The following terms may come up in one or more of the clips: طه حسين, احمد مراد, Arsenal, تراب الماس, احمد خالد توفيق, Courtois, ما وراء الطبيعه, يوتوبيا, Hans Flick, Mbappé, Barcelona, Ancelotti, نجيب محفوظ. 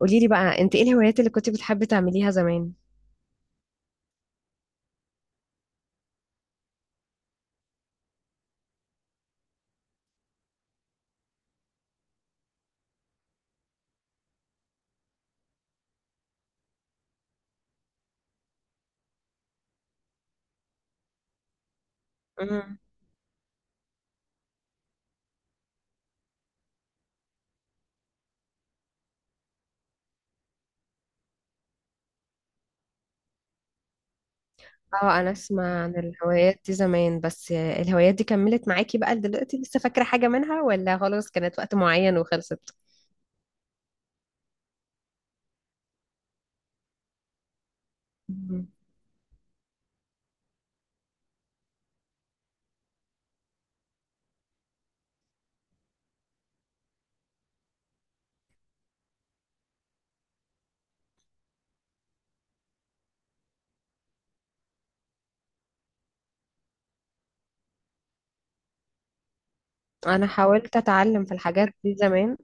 قولي لي بقى انت ايه الهوايات اللي كنت بتحبي تعمليها زمان؟ اه، انا اسمع عن الهوايات دي زمان، بس الهوايات دي كملت معاكي بقى دلوقتي؟ لسه فاكرة حاجة منها ولا خلاص كانت وقت معين وخلصت؟ مم. انا حاولت اتعلم في الحاجات دي زمان.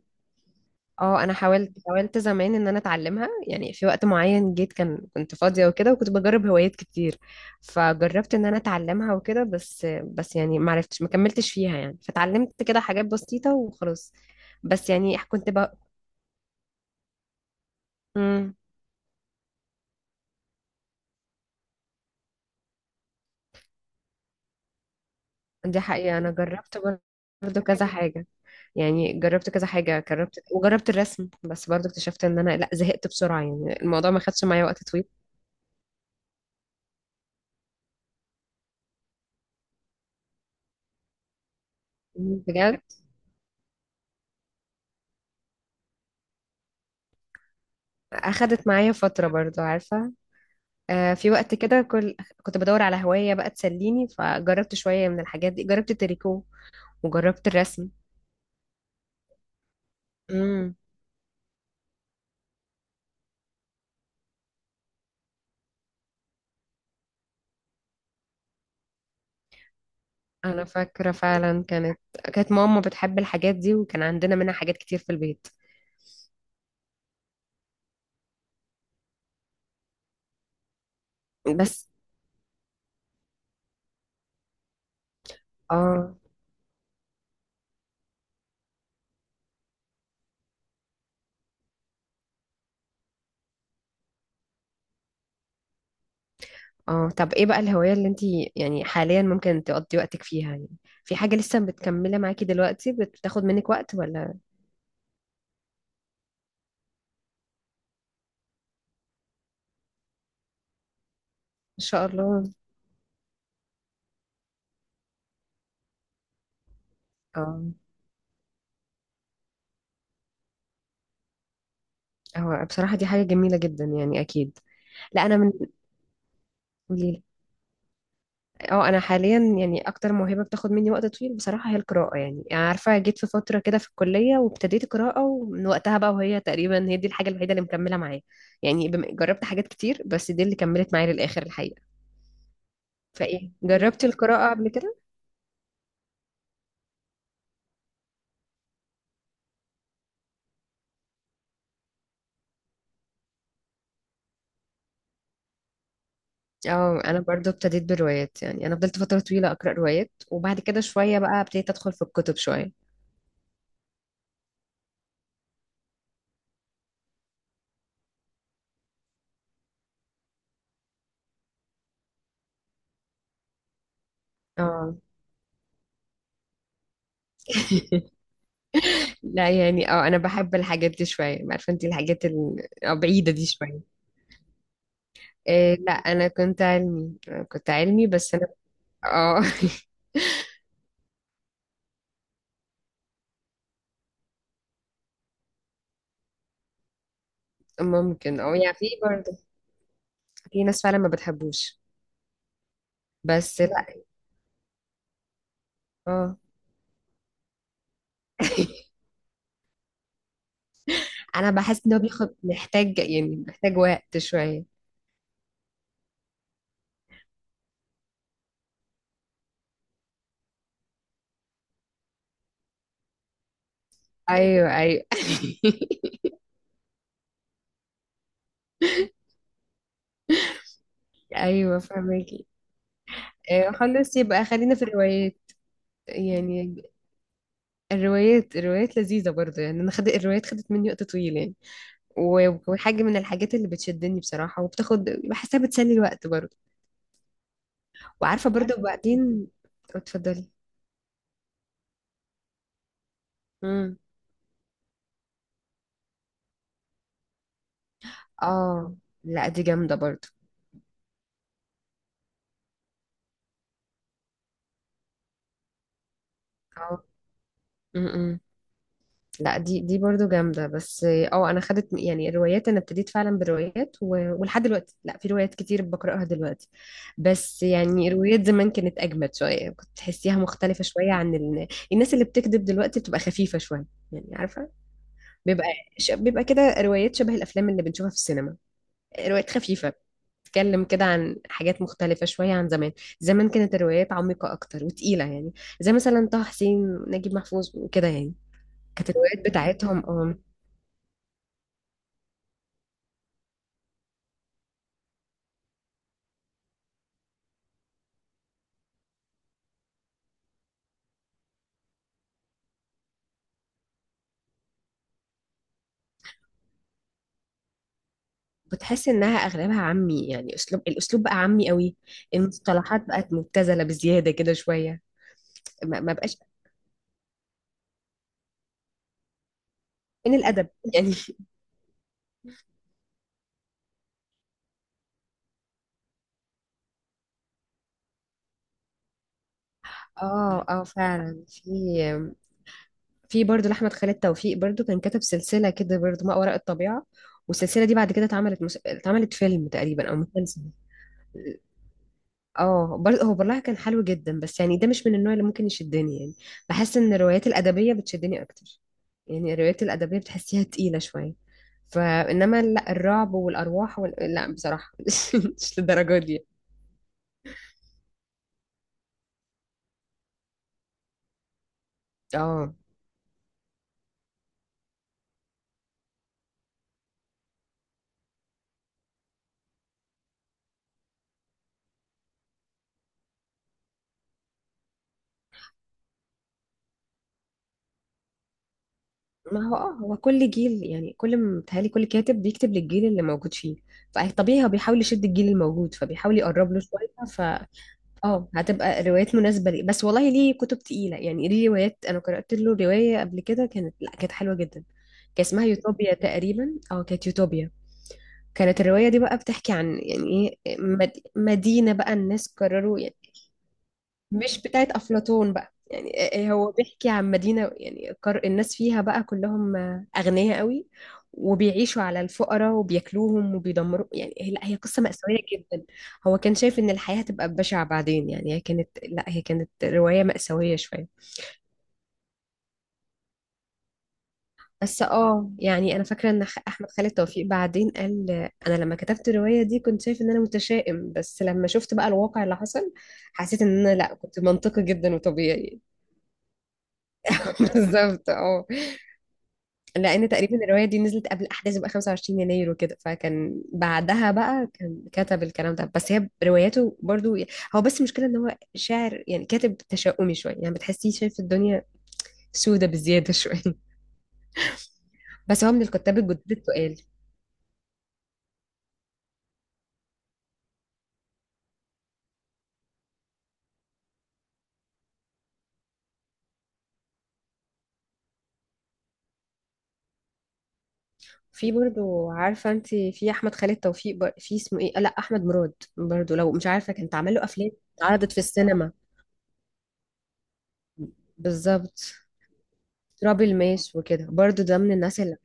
اه، انا حاولت زمان ان انا اتعلمها، يعني في وقت معين جيت، كنت فاضية وكده، وكنت بجرب هوايات كتير، فجربت ان انا اتعلمها وكده، بس يعني ما عرفتش ما كملتش فيها، يعني فتعلمت كده حاجات بسيطة وخلاص. بس يعني كنت بقى، دي حقيقة أنا جربت برضه كذا حاجة، يعني جربت كذا حاجة، جربت وجربت الرسم، بس برضه اكتشفت إن أنا لأ، زهقت بسرعة، يعني الموضوع ما خدش معايا وقت طويل. بجد أخدت معايا فترة برضه، عارفة؟ في وقت كده، كنت بدور على هواية بقى تسليني، فجربت شوية من الحاجات دي، جربت التريكو وجربت الرسم. امم، أنا فاكرة فعلا كانت، كانت ماما بتحب الحاجات دي وكان عندنا منها حاجات كتير في البيت. بس اه. اه، طب ايه بقى الهواية اللي انتي يعني حاليا ممكن تقضي وقتك فيها؟ يعني في حاجة لسه بتكملة معاكي دلوقتي بتاخد منك وقت ولا ان شاء الله؟ اه، هو بصراحة دي حاجة جميلة جدا، يعني اكيد. لا انا من قوليلي. اه، انا حاليا يعني اكتر موهبة بتاخد مني وقت طويل بصراحة هي القراءة، يعني يعني عارفة، جيت في فترة كده في الكلية وابتديت قراءة، ومن وقتها بقى، وهي تقريبا هي دي الحاجة الوحيدة اللي مكملة معايا. يعني بم- جربت حاجات كتير، بس دي اللي كملت معايا للآخر الحقيقة. فايه، جربتي القراءة قبل كده؟ اه، انا برضو ابتديت بروايات، يعني انا فضلت فتره طويله اقرا روايات، وبعد كده شويه بقى ابتديت ادخل في الكتب شويه. اه لا، يعني اه، انا بحب الحاجات دي شويه، عارفه انت الحاجات بعيده دي شويه. إيه لا، انا كنت علمي، كنت علمي، بس انا اه. ممكن، اه، يعني في برضو، في ناس فعلا ما بتحبوش، بس لا اه. انا بحس ان هو بياخد محتاج، يعني محتاج وقت شويه. ايوه ايوه. ايوه فهمكي. آه، خلاص، يبقى خلينا في الروايات، يعني الروايات لذيذة برضه، يعني أنا خدت الروايات، خدت مني وقت طويل يعني. و- وحاجة من الحاجات اللي بتشدني بصراحة وبتاخد، بحسها بتسلي الوقت برضه. وعارفة برضه وبعدين اتفضلي. امم، اه لا دي جامدة برضه. اه، لا دي برضو جامدة، بس اه انا خدت، يعني الروايات انا ابتديت فعلا بروايات، و... ولحد دلوقتي، لا في روايات كتير بقرأها دلوقتي. بس يعني روايات زمان كانت اجمد شوية، كنت تحسيها مختلفة شوية عن ال... الناس اللي بتكذب دلوقتي بتبقى خفيفة شوية. يعني عارفة، بيبقى ش... بيبقى كده روايات شبه الافلام اللي بنشوفها في السينما، روايات خفيفة، بتتكلم كده عن حاجات مختلفة شوية عن زمان. زمان كانت الروايات عميقة أكتر وتقيلة، يعني زي مثلا طه حسين، نجيب محفوظ وكده يعني. كانت الروايات بتاعتهم اه. بتحس انها اغلبها عامي، يعني الاسلوب بقى عامي قوي، المصطلحات بقت مبتذله بزياده كده شويه، ما بقاش فين الادب يعني. اه اه، فعلا في، في برضه لاحمد خالد توفيق، برضه كان كتب سلسله كده برضه، ما وراء الطبيعه، والسلسله دي بعد كده اتعملت مس... اتعملت فيلم تقريبا او مسلسل. اه برضه، هو برلها كان حلو جدا، بس يعني ده مش من النوع اللي ممكن يشدني، يعني بحس ان الروايات الادبيه بتشدني اكتر، يعني الروايات الادبيه بتحسيها تقيله شويه، فانما لا الرعب والارواح وال... لا بصراحه مش للدرجه دي. اه ما هو، اه هو كل جيل، يعني كل متهيألي كل كاتب بيكتب للجيل اللي موجود فيه، فطبيعي هو بيحاول يشد الجيل الموجود فبيحاول يقرب له شويه. اه، هتبقى روايات مناسبة لي، بس والله ليه كتب تقيلة، يعني ليه روايات، أنا قرأت له رواية قبل كده كانت، لا كانت حلوة جدا. كان اسمها يوتوبيا تقريبا، اه كانت يوتوبيا. كانت الرواية دي بقى بتحكي عن يعني ايه، مد- مدينة بقى الناس قرروا، مش بتاعت أفلاطون بقى يعني. هو بيحكي عن مدينة، يعني القر- الناس فيها بقى كلهم أغنياء قوي، وبيعيشوا على الفقراء وبياكلوهم وبيدمروا، يعني هي- لا هي قصة مأساوية جدا. هو كان شايف إن الحياة هتبقى بشعة بعدين، يعني هي كانت، لا هي كانت رواية مأساوية شوية. بس اه يعني انا فاكره ان خ- احمد خالد توفيق بعدين قال انا لما كتبت الروايه دي كنت شايف ان انا متشائم، بس لما شفت بقى الواقع اللي حصل حسيت ان انا، لا كنت منطقي جدا وطبيعي. بالظبط اه. لان تقريبا الروايه دي نزلت قبل احداث بقى 25 يناير وكده، فكان بعدها بقى كان كتب الكلام ده، بس هي رواياته برضو. هو بس المشكله ان هو شاعر يعني كاتب تشاؤمي شويه، يعني بتحسيه شايف الدنيا سودة بزياده شويه بس هو من الكتاب الجدد التقال. في برضو، عارفه انت، في احمد خالد توفيق بر- في اسمه ايه، لا احمد مراد برضو لو مش عارفه، كانت عمل له افلام اتعرضت في السينما. بالظبط. تراب الماس وكده برضو، ده من الناس اللي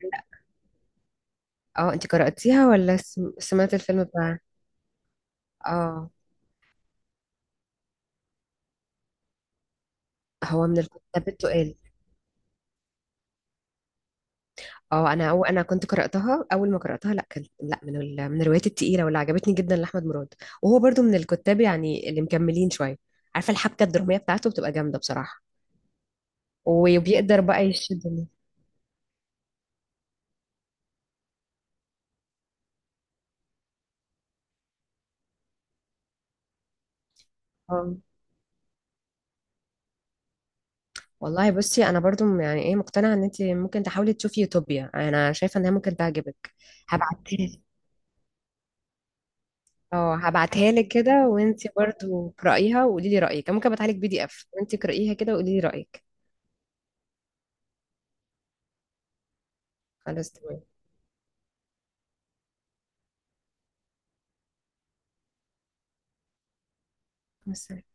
اه انت قرأتيها ولا سم- سمعت الفيلم بتاعها؟ اه، هو من الكتاب التقال، اه انا، أو انا كنت قراتها اول ما قراتها، لا كان، لا من ال... من الروايات التقيله واللي عجبتني جدا لاحمد مراد، وهو برضو من الكتاب يعني اللي مكملين شويه، عارفه الحبكه الدراميه بتاعته بتبقى جامده بصراحه، وبيقدر بقى يشدني. اه، والله بصي انا برضو، يعني ايه، مقتنعه ان انت ممكن تحاولي تشوفي يوتوبيا، انا شايفه انها ممكن تعجبك. هبعتها لك، اه هبعتها لك كده، وانت برضو اقرايها وقولي لي رايك. أنا ممكن ابعتها لك PDF، وانت اقرايها كده وقولي لي رايك. خلاص تمام، بس.